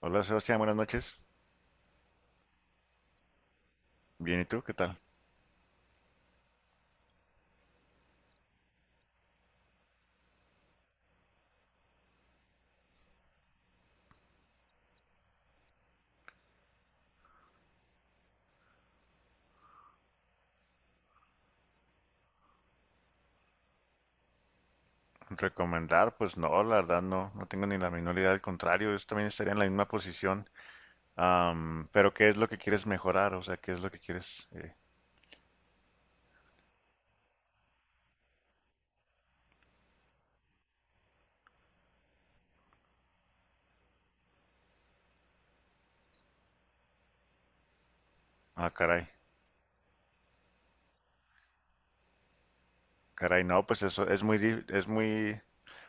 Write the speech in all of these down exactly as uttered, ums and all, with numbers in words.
Hola Sebastián, buenas noches. Bien, ¿y tú? ¿Qué tal? Recomendar, pues no, la verdad no, no tengo ni la menor idea, al contrario, yo también estaría en la misma posición. Am, pero ¿qué es lo que quieres mejorar? O sea, ¿qué es lo que quieres? eh? Ah, caray, caray, no, pues eso es muy, di- es muy,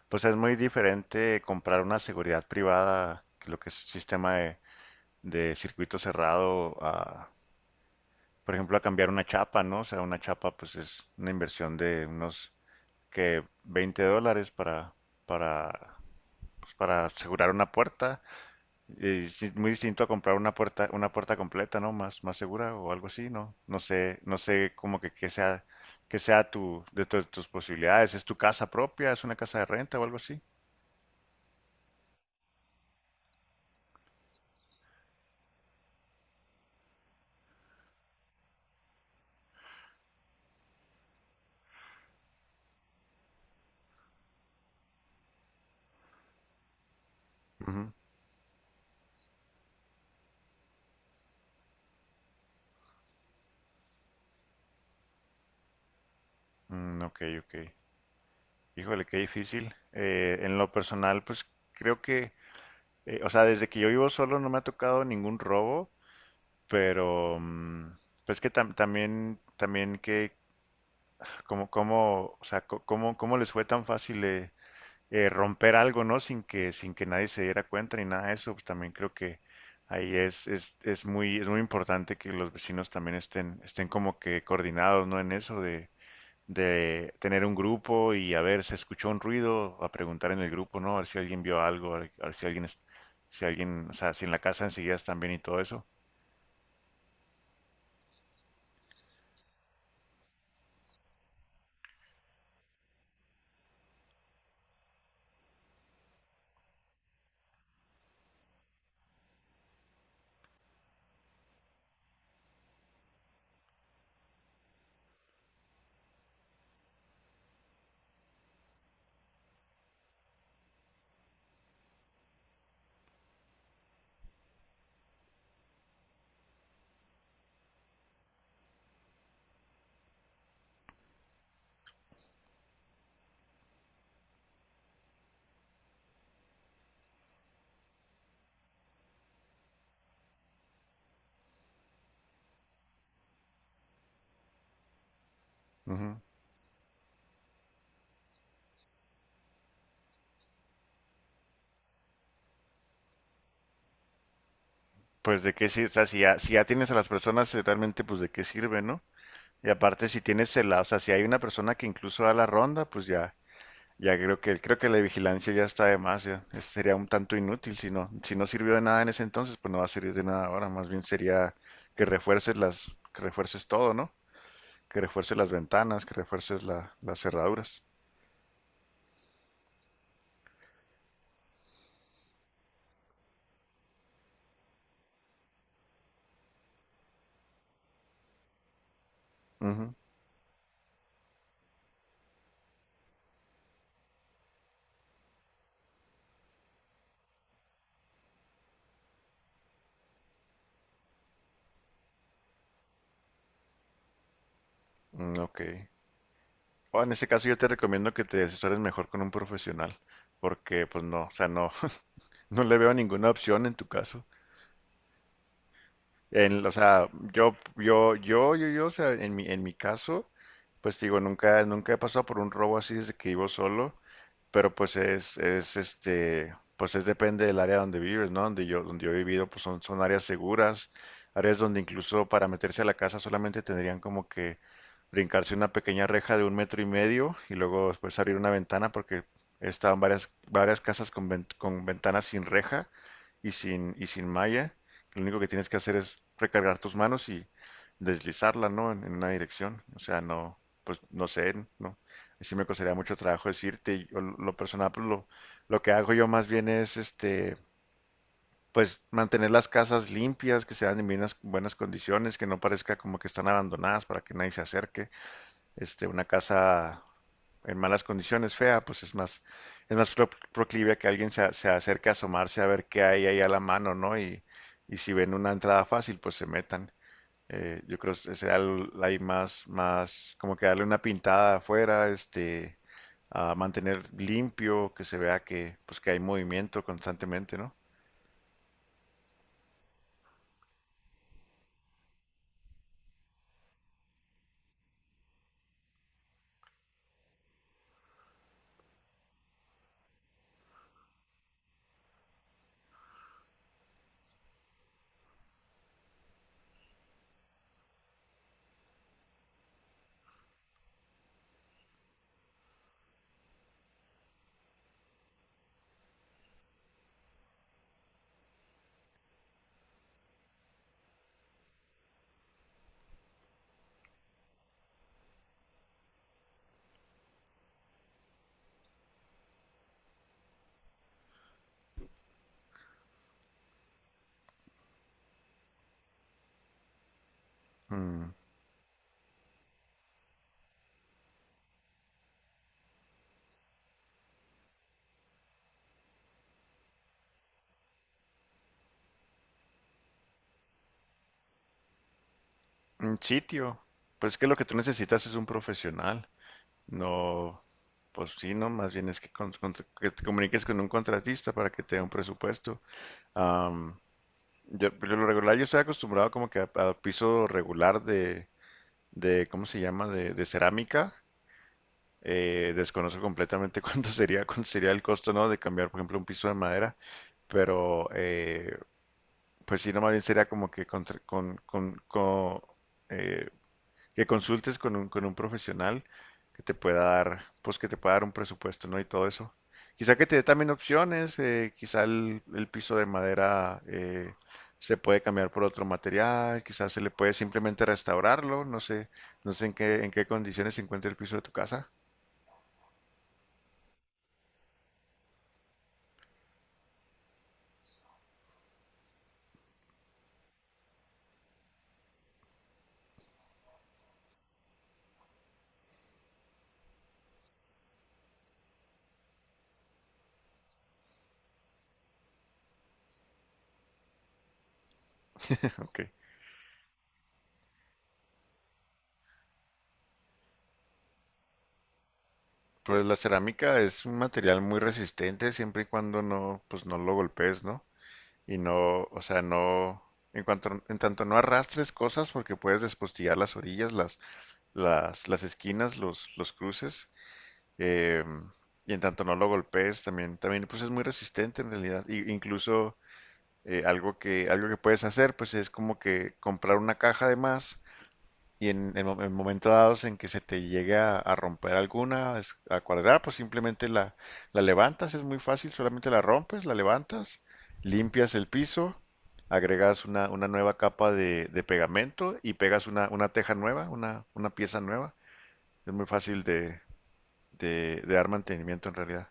pues es muy diferente comprar una seguridad privada que lo que es sistema de, de circuito cerrado a, por ejemplo, a cambiar una chapa, ¿no? O sea, una chapa, pues es una inversión de unos que veinte dólares para para pues, para asegurar una puerta. Y sí, muy distinto a comprar una puerta, una puerta completa, ¿no? Más, más segura o algo así, ¿no? No sé, no sé como que, que sea, que sea tu, de tu- tus posibilidades. ¿Es tu casa propia? ¿Es una casa de renta o algo así? Ujú. Mm, ok, ok. Híjole, qué difícil. Eh, en lo personal, pues creo que, eh, o sea, desde que yo vivo solo no me ha tocado ningún robo, pero mm, pues que tam- también, también que, como, como, o sea, co- cómo, cómo les fue tan fácil eh, eh, romper algo, ¿no? Sin que, sin que nadie se diera cuenta ni nada de eso, pues también creo que ahí es, es, es muy, es muy importante que los vecinos también estén, estén como que coordinados, ¿no? En eso de, de tener un grupo y a ver, se escuchó un ruido, a preguntar en el grupo, ¿no? A ver si alguien vio algo, a ver, a ver si alguien, es- si alguien, o sea, si en la casa enseguida están bien y todo eso. Ujú. Pues de qué sirve, o sea, si ya, si ya tienes a las personas, eh, realmente, pues de qué sirve, ¿no? Y aparte, si tienes el, o sea, si hay una persona que incluso da la ronda, pues ya, ya creo que creo que la vigilancia ya está de más, ya. Es- Sería un tanto inútil si no, si no sirvió de nada en ese entonces, pues no va a servir de nada ahora, más bien sería que refuerces las, que refuerces todo, ¿no? Que refuerces las ventanas, que refuerces la- las cerraduras. Ujú. Mm, ok. O en ese caso yo te recomiendo que te asesores mejor con un profesional, porque pues no, o sea, no no le veo ninguna opción en tu caso. En, o sea, yo, yo, yo, yo, yo, o sea, en mi, en mi caso, pues digo, nunca, nunca he pasado por un robo así desde que vivo solo. Pero pues es, es este, pues es depende del área donde vives, ¿no? Donde yo, donde yo he vivido, pues son, son áreas seguras, áreas donde incluso para meterse a la casa solamente tendrían como que brincarse una pequeña reja de un metro y medio y luego después abrir una ventana porque estaban varias, varias casas con, ven- con ventanas sin reja y sin, y sin malla. Lo único que tienes que hacer es recargar tus manos y deslizarla, ¿no? En, en una dirección. O sea, no, pues no sé, ¿no? Sí me costaría mucho trabajo decirte, yo lo lo personal, pues, lo, lo que hago yo más bien es, este, pues mantener las casas limpias, que sean en buenas, buenas condiciones, que no parezca como que están abandonadas para que nadie se acerque. Este, una casa en malas condiciones, fea, pues es más, es más pro- proclive a que alguien se, a- se acerque a asomarse a ver qué hay ahí a la mano, ¿no? Y, y si ven una entrada fácil, pues se metan. Eh, yo creo que será el- ahí más, más, como que darle una pintada afuera, este, a mantener limpio, que se vea que, pues, que hay movimiento constantemente, ¿no? Mm. Un sitio. Pues que lo que tú necesitas es un profesional. No, pues sí, no, más bien es que, con- con- que te comuniques con un contratista para que te dé un presupuesto. Am, yo, por lo regular, yo estoy acostumbrado como que a, a piso regular de, de, ¿cómo se llama? De, de cerámica. Eh, desconozco completamente cuánto sería, cuánto sería el costo, ¿no? De cambiar, por ejemplo, un piso de madera, pero eh, pues si no, más bien sería como que contra- con, con, con, eh, que consultes con un, con un profesional que te pueda dar, pues que te pueda dar un presupuesto, ¿no? Y todo eso. Quizá que te dé también opciones, eh, quizá el, el piso de madera, eh, se puede cambiar por otro material, quizás se le puede simplemente restaurarlo, no sé, no sé en qué, en qué condiciones se encuentra el piso de tu casa. ¿No? Ok. Pues la cerámica es un material muy resistente siempre y cuando no, pues no lo golpees, ¿no? Y no, o sea, no, en cuanto, en tanto no arrastres cosas porque puedes despostillar las orillas, las, las, las esquinas, los, los cruces. eh, y en tanto no lo golpees, también, también pues es muy resistente en realidad. Y, incluso eh, algo que, algo que puedes hacer, pues es como que comprar una caja de más y en, en, mo- en momentos dados en que se te llegue a, a romper alguna, es- a cuadrar, pues simplemente la, la levantas, es muy fácil, solamente la rompes, la levantas, limpias el piso, agregas una, una nueva capa de, de pegamento y pegas una, una teja nueva, una, una pieza nueva. Es muy fácil de, de, de dar mantenimiento en realidad.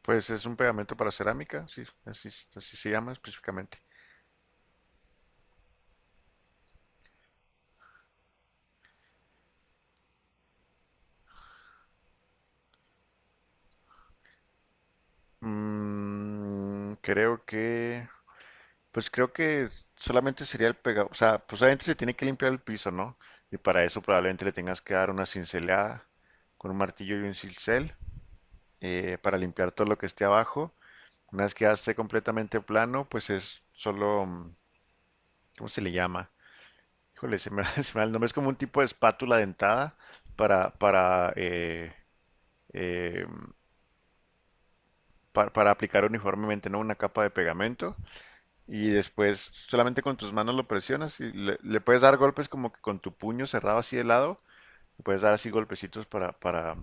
Pues es un pegamento para cerámica, sí, así, así se llama específicamente. Mm, creo que... Pues creo que solamente sería el pegado, o sea, pues obviamente se tiene que limpiar el piso, ¿no? Y para eso probablemente le tengas que dar una cincelada con un martillo y un cincel, eh, para limpiar todo lo que esté abajo. Una vez que ya esté completamente plano, pues es solo, mm, ¿cómo se le llama? Híjole, se me, se me va el nombre, es como un tipo de espátula dentada para, para, eh, eh, pa- para aplicar uniformemente, ¿no? Una capa de pegamento. Y después solamente con tus manos lo presionas y le, le puedes dar golpes como que con tu puño cerrado así de lado. Le puedes dar así golpecitos para, para,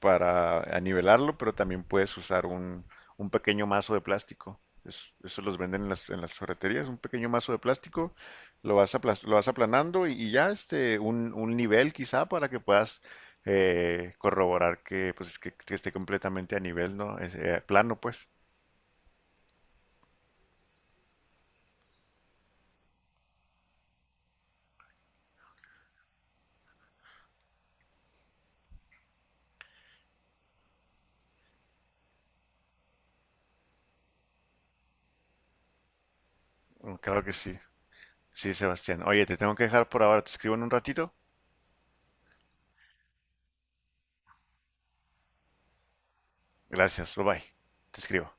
para nivelarlo, pero también puedes usar un, un pequeño mazo de plástico. Es- eso los venden en las, en las ferreterías, un pequeño mazo de plástico, lo vas, aplas- lo vas aplanando y, y ya este, un, un nivel quizá para que puedas eh, corroborar que, pues, que, que esté completamente a nivel, ¿no? Es, eh, plano, pues. Mm, claro que sí. Sí, Sebastián. Oye, te tengo que dejar por ahora. Te escribo en un ratito. Gracias, bye bye. Te escribo.